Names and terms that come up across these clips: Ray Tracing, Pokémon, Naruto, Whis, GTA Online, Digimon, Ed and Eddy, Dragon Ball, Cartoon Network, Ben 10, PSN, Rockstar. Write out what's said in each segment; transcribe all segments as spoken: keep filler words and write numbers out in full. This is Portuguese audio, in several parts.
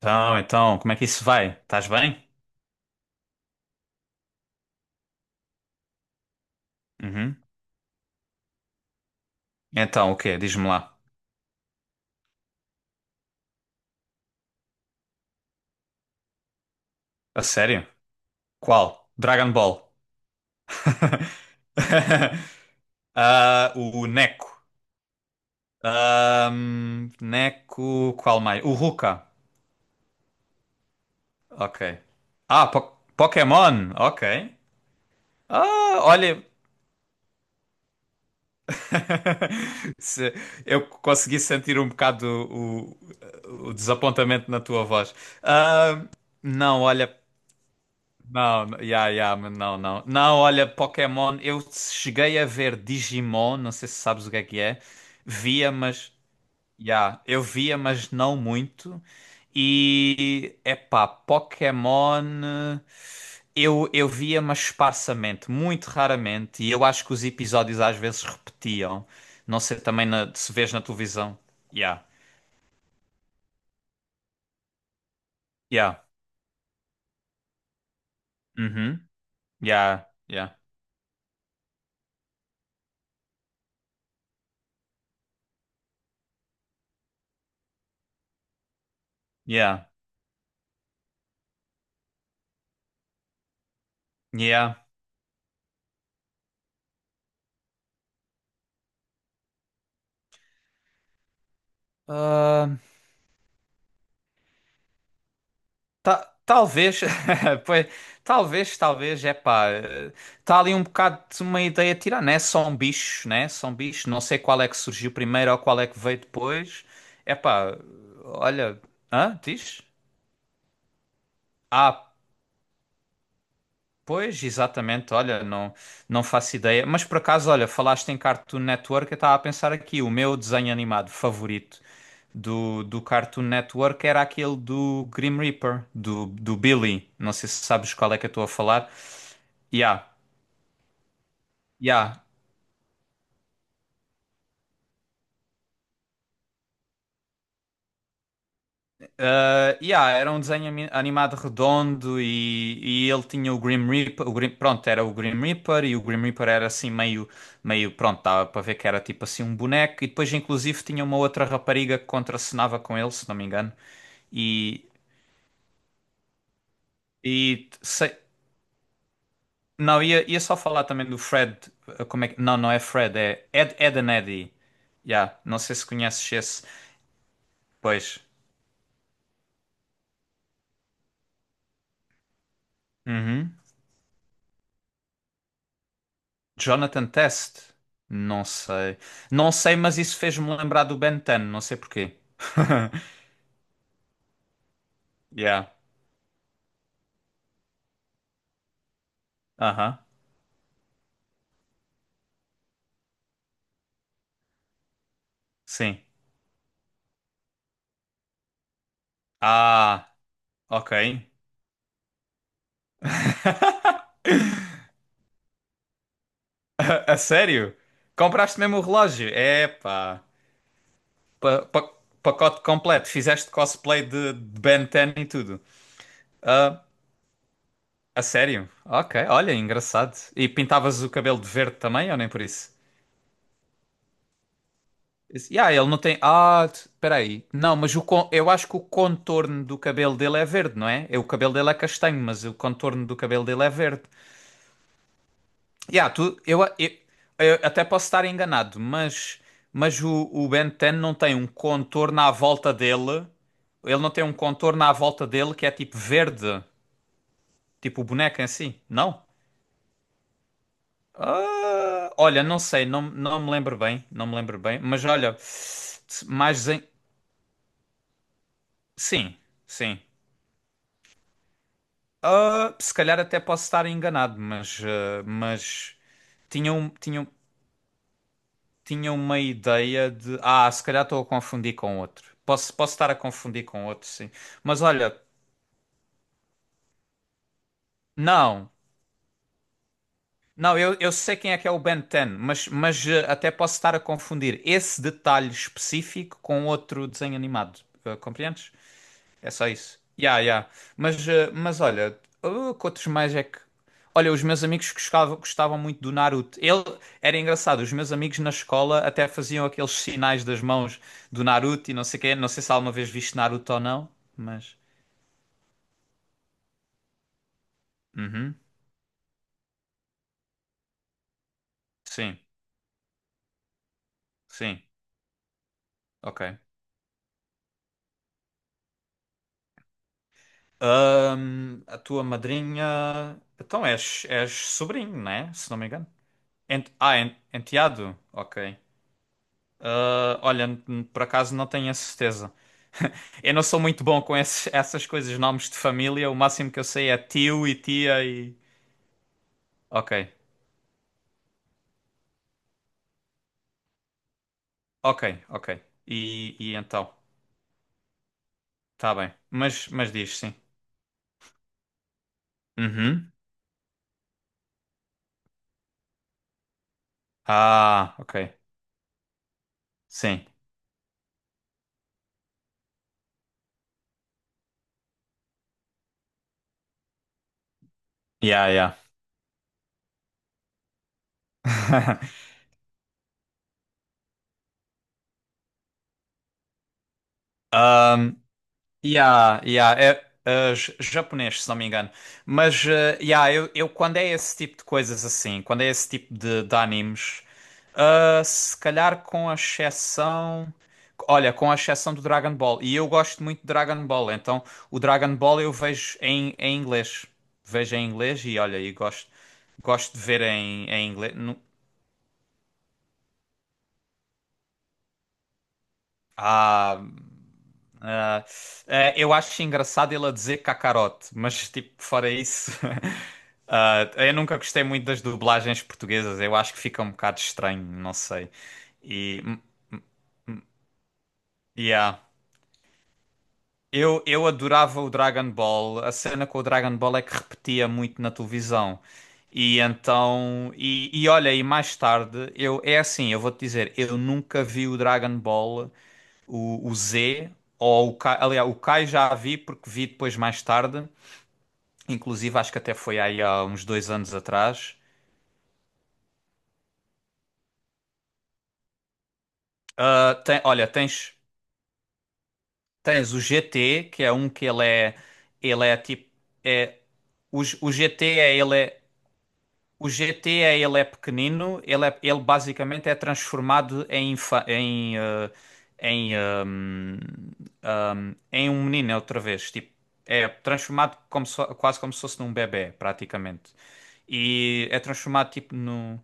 Então, então, como é que isso vai? Estás bem? Uhum. Então, o quê? Diz-me lá. A sério? Qual? Dragon Ball. Ah, o Neko. Ahm, Neko. Qual mais? O Ruka. Ok. Ah, po- Pokémon. Ok. Ah, olha. Se- Eu consegui sentir um bocado o, o- o desapontamento na tua voz. Ah, não, olha. Não, yeah, yeah, mas não, não. Não, olha, Pokémon, eu cheguei a ver Digimon, não sei se sabes o que é que é. Via, mas, yeah, eu via, mas não muito. E, epá, Pokémon, eu, eu via, mas esparsamente, muito raramente. E eu acho que os episódios às vezes repetiam. Não sei também na- se vês na televisão. Yeah, yeah, uhum, yeah, yeah, yeah, yeah. Ah, Ta- talvez, pois, talvez, talvez, é pá, está ali um bocado de uma ideia tirar, né? São bichos, né? São bichos, não sei qual é que surgiu primeiro ou qual é que veio depois. É pá, olha, hã? Diz? Ah, pois, exatamente, olha, não, não faço ideia. Mas por acaso, olha, falaste em Cartoon Network, eu estava a pensar aqui, o meu desenho animado favorito do, do Cartoon Network era aquele do Grim Reaper, do, do Billy. Não sei se sabes qual é que eu estou a falar. Yeah, yeah. Uh, yeah, era um desenho ami- animado redondo e, e ele tinha o Grim Reaper, o Grim- pronto, era o Grim Reaper e o Grim Reaper era assim meio, meio, pronto, dava para ver que era tipo assim um boneco e depois inclusive tinha uma outra rapariga que contracenava com ele, se não me engano. E, e sei- não, ia, ia só falar também do Fred, uh, como é que, não, não é Fred, é Ed, Ed and Eddy. Yeah, não sei se conheces esse, pois. Uhum. Jonathan Test? Não sei. Não sei, mas isso fez-me lembrar do Ben dez, não sei porquê. Yeah. Aham. Sim. Ah, ok. A, a sério? Compraste mesmo o relógio? Epá. Pa, pa, pacote completo. Fizeste cosplay de, de Ben dez e tudo. Ah, a sério? Ok, olha, engraçado. E pintavas o cabelo de verde também, ou nem por isso? Esse- Yeah, ele não tem. Ah, t- peraí. Não, mas o con- eu acho que o contorno do cabelo dele é verde, não é? É, o cabelo dele é castanho, mas o contorno do cabelo dele é verde. Yeah, tu... eu... Eu... eu até posso estar enganado, mas, mas o... o Ben dez não tem um contorno à volta dele. Ele não tem um contorno à volta dele que é tipo verde, tipo o boneco em si, não? Ah, olha, não sei, não, não me lembro bem, não me lembro bem, mas olha, mais em... Sim, sim. Ah, se calhar até posso estar enganado, mas, ah, mas tinham, tinham, tinham uma ideia de. Ah, se calhar estou a confundir com outro. Posso, posso estar a confundir com outro, sim. Mas olha, não. Não, eu, eu sei quem é que é o Ben dez, mas, mas ah, até posso estar a confundir esse detalhe específico com outro desenho animado. Ah, compreendes? É só isso. Ya, ya. Mas, eh, mas olha, uh, que outros mais é que. Olha, os meus amigos gostavam, gostavam muito do Naruto. Ele era engraçado, os meus amigos na escola até faziam aqueles sinais das mãos do Naruto e não sei quê. Não sei se alguma vez viste Naruto ou não, mas. Uhum. Sim, sim, ok. Ahm, a tua madrinha. Então és, és sobrinho, né? Se não me engano. Ent- Ah, en- enteado? Ok. Ah, olha, n- por acaso não tenho a certeza. Eu não sou muito bom com esses- essas coisas, nomes de família. O máximo que eu sei é tio e tia e. Ok, ok, ok. E, e então? Tá bem. Mas, mas diz sim. Uhum. Ah, ok. Sim. Yeah, yeah. Yeah, yeah, é, é j- japonês, se não me engano. Mas, eh, yeah, eu, eu quando é esse tipo de coisas assim, quando é esse tipo de, de animes, ah, se calhar com a exceção. Olha, com a exceção do Dragon Ball. E eu gosto muito de Dragon Ball, então o Dragon Ball eu vejo em, em inglês. Vejo em inglês e olha, e gosto, gosto de ver em, em inglês. Nu- Ah. Ah, ah, eu acho engraçado ele a dizer cacarote, mas tipo, fora isso, ah, eu nunca gostei muito das dublagens portuguesas, eu acho que fica um bocado estranho, não sei. E, hum, yeah. Eu, eu adorava o Dragon Ball, a cena com o Dragon Ball é que repetia muito na televisão. E então, e, e olha, e mais tarde, eu, é assim, eu vou-te dizer, eu nunca vi o Dragon Ball, o, o Z, ou o Kai, aliás, o Kai já a vi porque vi depois mais tarde. Inclusive, acho que até foi aí há uns dois anos atrás. Ah, tem- olha, tens, tens o G T, que é um que ele é, ele é tipo, é, o, G- o G T é, ele é, o G T é, ele é pequenino, ele, é, ele basicamente é transformado em, infa- em, ah, em, ahm, ahm, em um menino outra vez, tipo, é transformado como se fo- quase como se fosse num bebé, praticamente. E é transformado tipo num.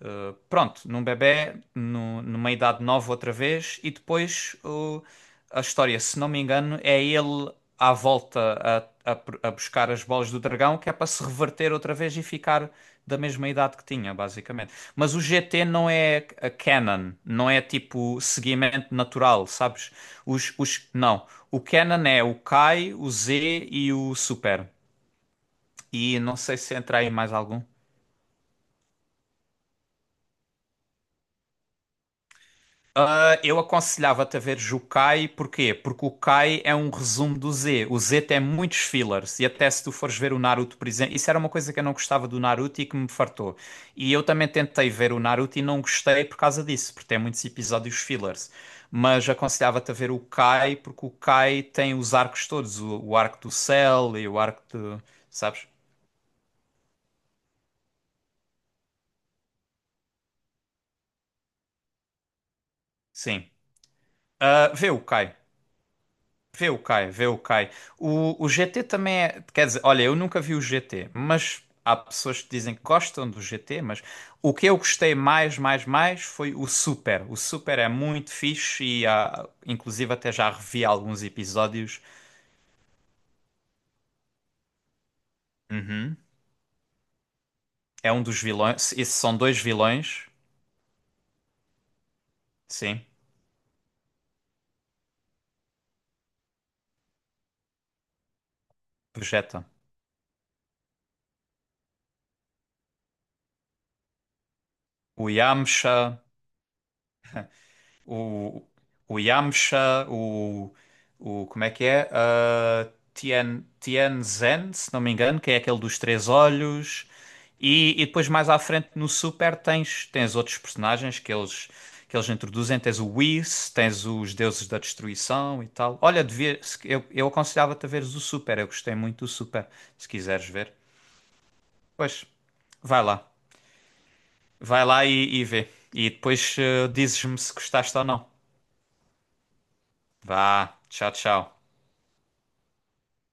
Uh, pronto, num bebé, no- numa idade nova outra vez, e depois uh, a história, se não me engano, é ele à volta a, a, pr- a buscar as bolas do dragão, que é para se reverter outra vez e ficar da mesma idade que tinha, basicamente. Mas o G T não é a canon, não é tipo seguimento natural, sabes? Os, os, não, o canon é o Kai, o Z e o Super. E não sei se entra aí mais algum. Eu aconselhava-te a veres o Kai, porquê? Porque o Kai é um resumo do Z. O Z tem muitos fillers, e até se tu fores ver o Naruto, por exemplo, isso era uma coisa que eu não gostava do Naruto e que me fartou. E eu também tentei ver o Naruto e não gostei por causa disso, porque tem muitos episódios fillers. Mas aconselhava-te a ver o Kai, porque o Kai tem os arcos todos, o, o arco do Cell e o arco do. Sabes? Sim. Ah, vê o Kai. Vê o Kai, vê o Kai. O, o G T também é. Quer dizer, olha, eu nunca vi o G T, mas há pessoas que dizem que gostam do G T, mas o que eu gostei mais, mais, mais foi o Super. O Super é muito fixe e há, inclusive até já revi alguns episódios. Uhum. É um dos vilões. Esses são dois vilões. Sim, Vegeta. O Yamcha. O, o Yamcha, o, o. Como é que é? Ah, Tien, Tianzhen, se não me engano, que é aquele dos três olhos. E, e depois mais à frente no Super tens, tens outros personagens que eles, que eles introduzem. Tens o Whis, tens os Deuses da Destruição e tal. Olha, devia, se- eu, eu aconselhava-te a veres o Super. Eu gostei muito do Super, se quiseres ver. Pois, vai lá. Vai lá e, e vê. E depois eh, dizes-me se gostaste ou não. Vá, tchau, tchau.